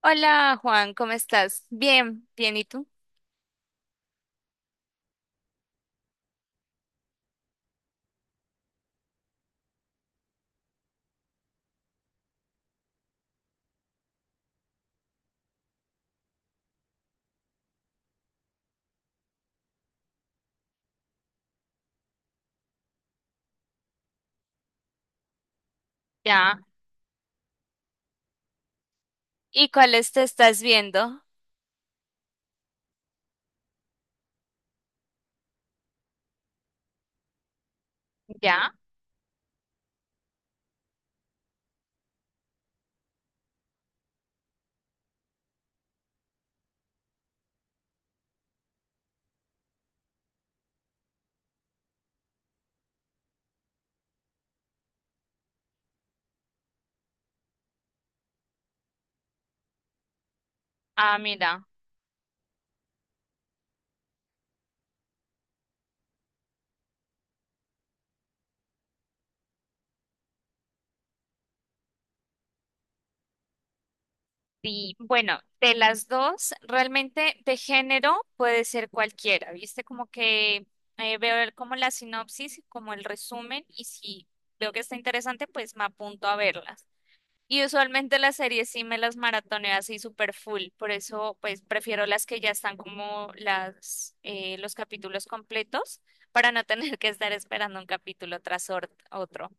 Hola Juan, ¿cómo estás? Bien, bien, ¿y tú? Ya. ¿Y cuáles te estás viendo? Ya. Ah, mira. Sí, bueno, de las dos, realmente de género puede ser cualquiera, ¿viste? Como que veo como la sinopsis, como el resumen, y si veo que está interesante, pues me apunto a verlas. Y usualmente las series sí me las maratoneo así super full, por eso pues prefiero las que ya están como las los capítulos completos para no tener que estar esperando un capítulo otro.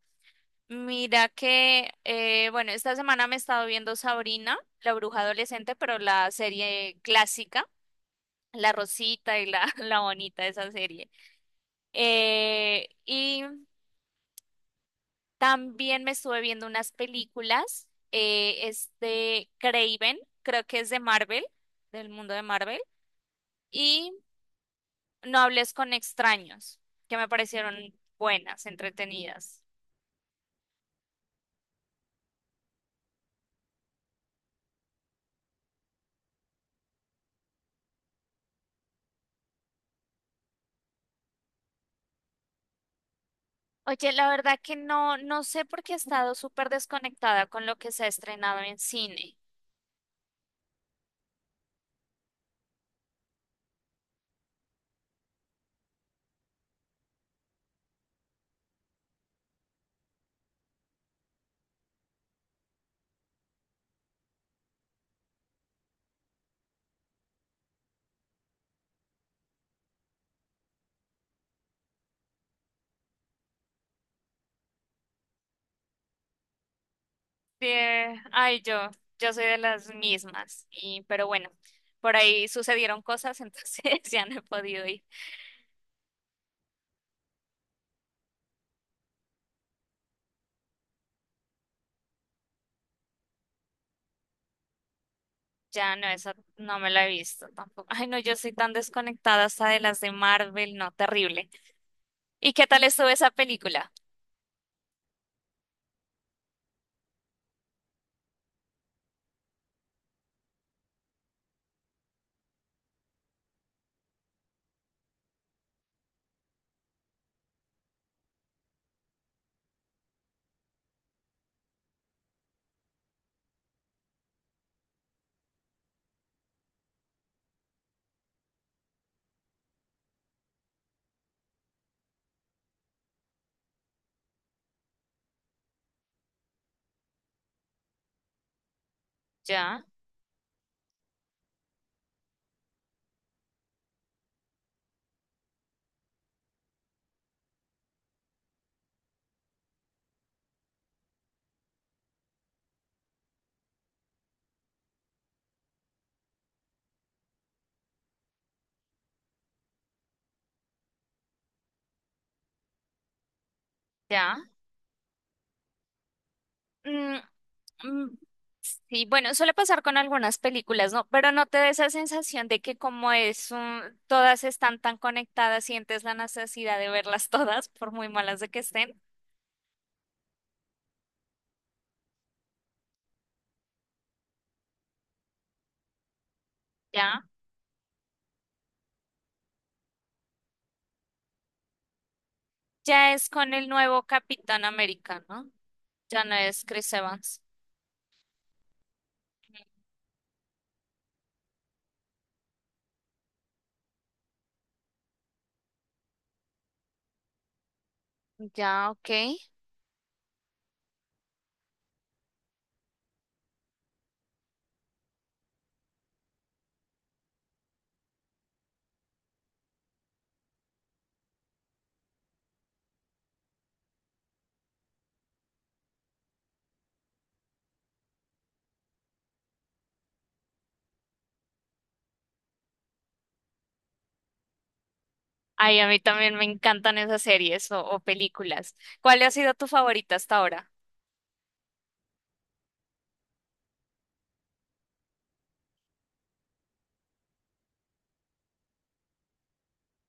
Mira que bueno, esta semana me he estado viendo Sabrina, la bruja adolescente, pero la serie clásica, la Rosita y la, la Bonita, esa serie. Y también me estuve viendo unas películas, es de Craven, creo que es de Marvel, del mundo de Marvel, y No hables con extraños, que me parecieron buenas, entretenidas. Oye, la verdad que no sé por qué he estado súper desconectada con lo que se ha estrenado en cine. Ay, yo soy de las mismas, pero bueno, por ahí sucedieron cosas, entonces ya no he podido ir. Ya no, esa no me la he visto tampoco. Ay, no, yo soy tan desconectada hasta de las de Marvel, no, terrible. ¿Y qué tal estuvo esa película? Ya, ya. Mm, mm, sí, bueno, suele pasar con algunas películas, ¿no? Pero no te da esa sensación de que como todas están tan conectadas, sientes la necesidad de verlas todas, por muy malas de que estén. Ya. Ya es con el nuevo Capitán América, ¿no? Ya no es Chris Evans. Ya, ok. Ay, a mí también me encantan esas series o películas. ¿Cuál ha sido tu favorita hasta ahora?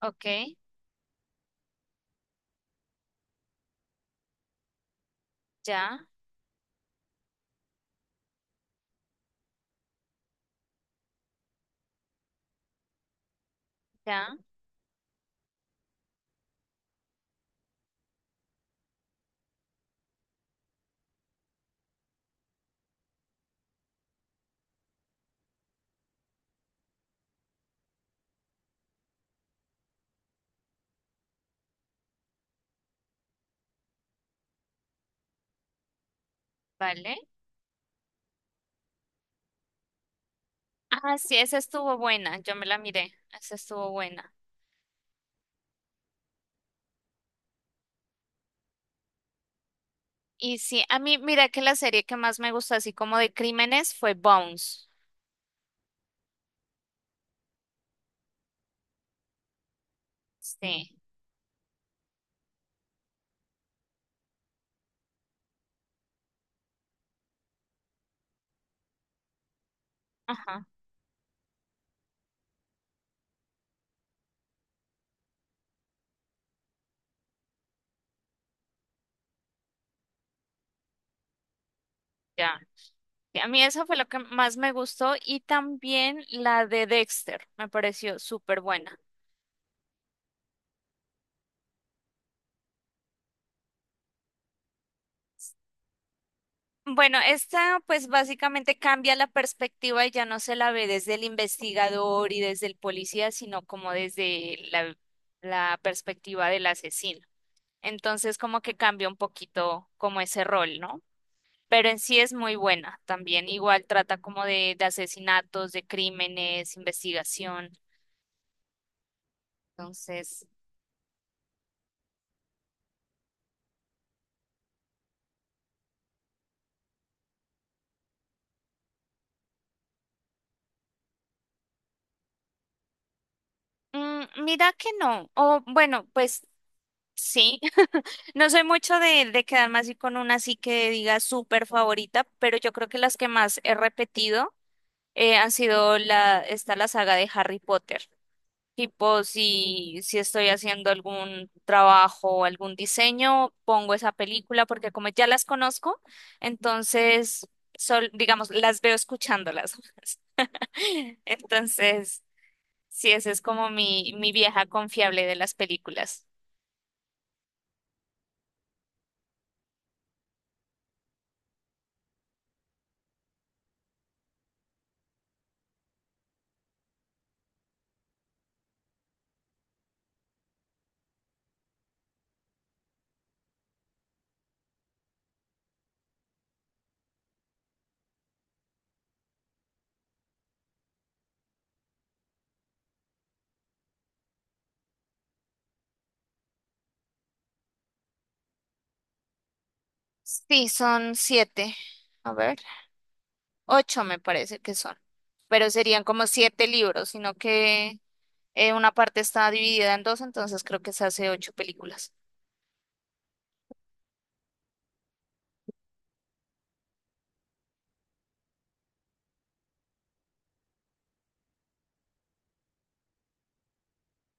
Ok, ya, ya, vale. Ah, sí, esa estuvo buena, yo me la miré, esa estuvo buena. Y sí, a mí, mira que la serie que más me gustó, así como de crímenes, fue Bones. Sí, ajá, ya. Sí, a mí esa fue lo que más me gustó y también la de Dexter, me pareció súper buena. Bueno, esta pues básicamente cambia la perspectiva y ya no se la ve desde el investigador y desde el policía, sino como desde la perspectiva del asesino. Entonces como que cambia un poquito como ese rol, ¿no? Pero en sí es muy buena también. Igual trata como de asesinatos, de crímenes, investigación. Entonces, mira que no. O bueno, pues sí. No soy mucho de quedarme así con una así que diga súper favorita, pero yo creo que las que más he repetido han sido está la saga de Harry Potter. Tipo, si estoy haciendo algún trabajo o algún diseño, pongo esa película porque como ya las conozco, entonces, digamos, las veo escuchándolas. Entonces, sí, esa es como mi vieja confiable de las películas. Sí, son siete. A ver. Ocho me parece que son, pero serían como siete libros, sino que una parte está dividida en dos, entonces creo que se hace ocho películas.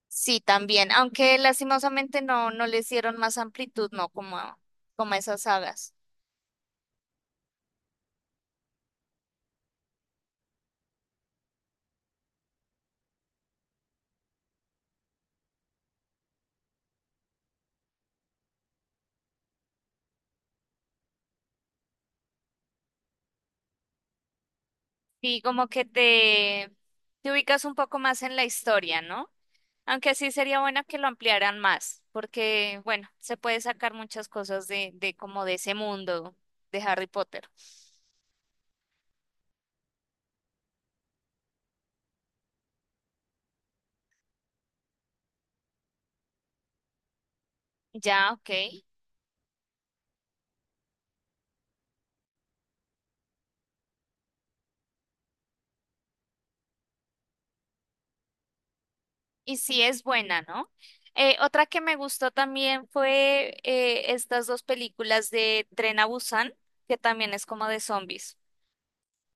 Sí, también, aunque lastimosamente no les dieron más amplitud, no como, como a esas sagas. Y como que te ubicas un poco más en la historia, ¿no? Aunque sí sería bueno que lo ampliaran más, porque bueno, se puede sacar muchas cosas de como de ese mundo de Harry Potter. Ya, ok. Y sí es buena, ¿no? Otra que me gustó también fue estas dos películas de Tren a Busan, que también es como de zombies.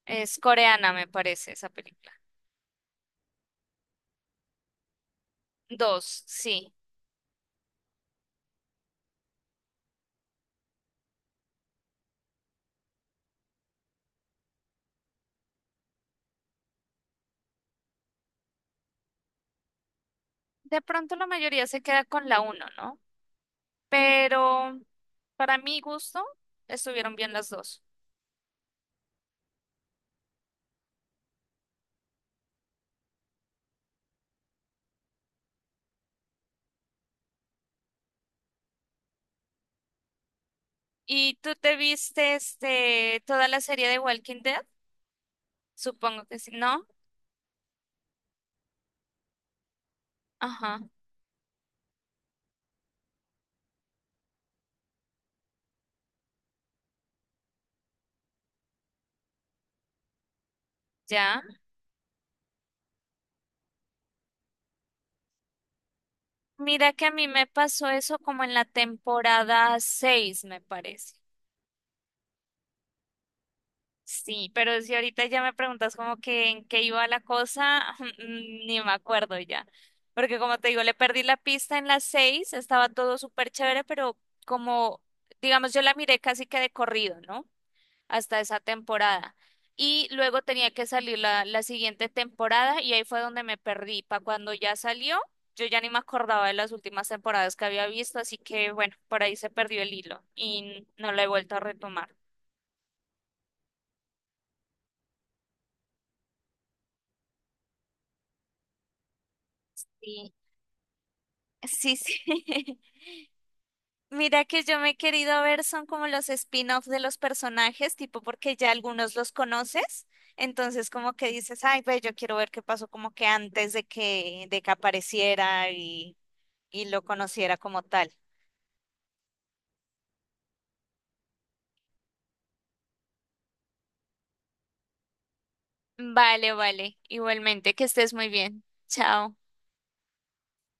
Es coreana, me parece, esa película. Dos, sí. De pronto la mayoría se queda con la uno, ¿no? Pero para mi gusto, estuvieron bien las dos. ¿Y tú te viste este, toda la serie de Walking Dead? Supongo que sí, ¿no? Ajá, ya. Mira que a mí me pasó eso como en la temporada 6, me parece. Sí, pero si ahorita ya me preguntas como que en qué iba la cosa, ni me acuerdo ya. Porque como te digo, le perdí la pista en las 6. Estaba todo súper chévere, pero como, digamos, yo la miré casi que de corrido, ¿no? Hasta esa temporada. Y luego tenía que salir la siguiente temporada y ahí fue donde me perdí. Para cuando ya salió, yo ya ni me acordaba de las últimas temporadas que había visto, así que bueno, por ahí se perdió el hilo y no lo he vuelto a retomar. Sí, sí, sí. Mira que yo me he querido ver son como los spin-off de los personajes, tipo porque ya algunos los conoces, entonces como que dices, ay, ve, yo quiero ver qué pasó como que antes de que apareciera y lo conociera como tal. Vale, vale. Igualmente, que estés muy bien. Chao.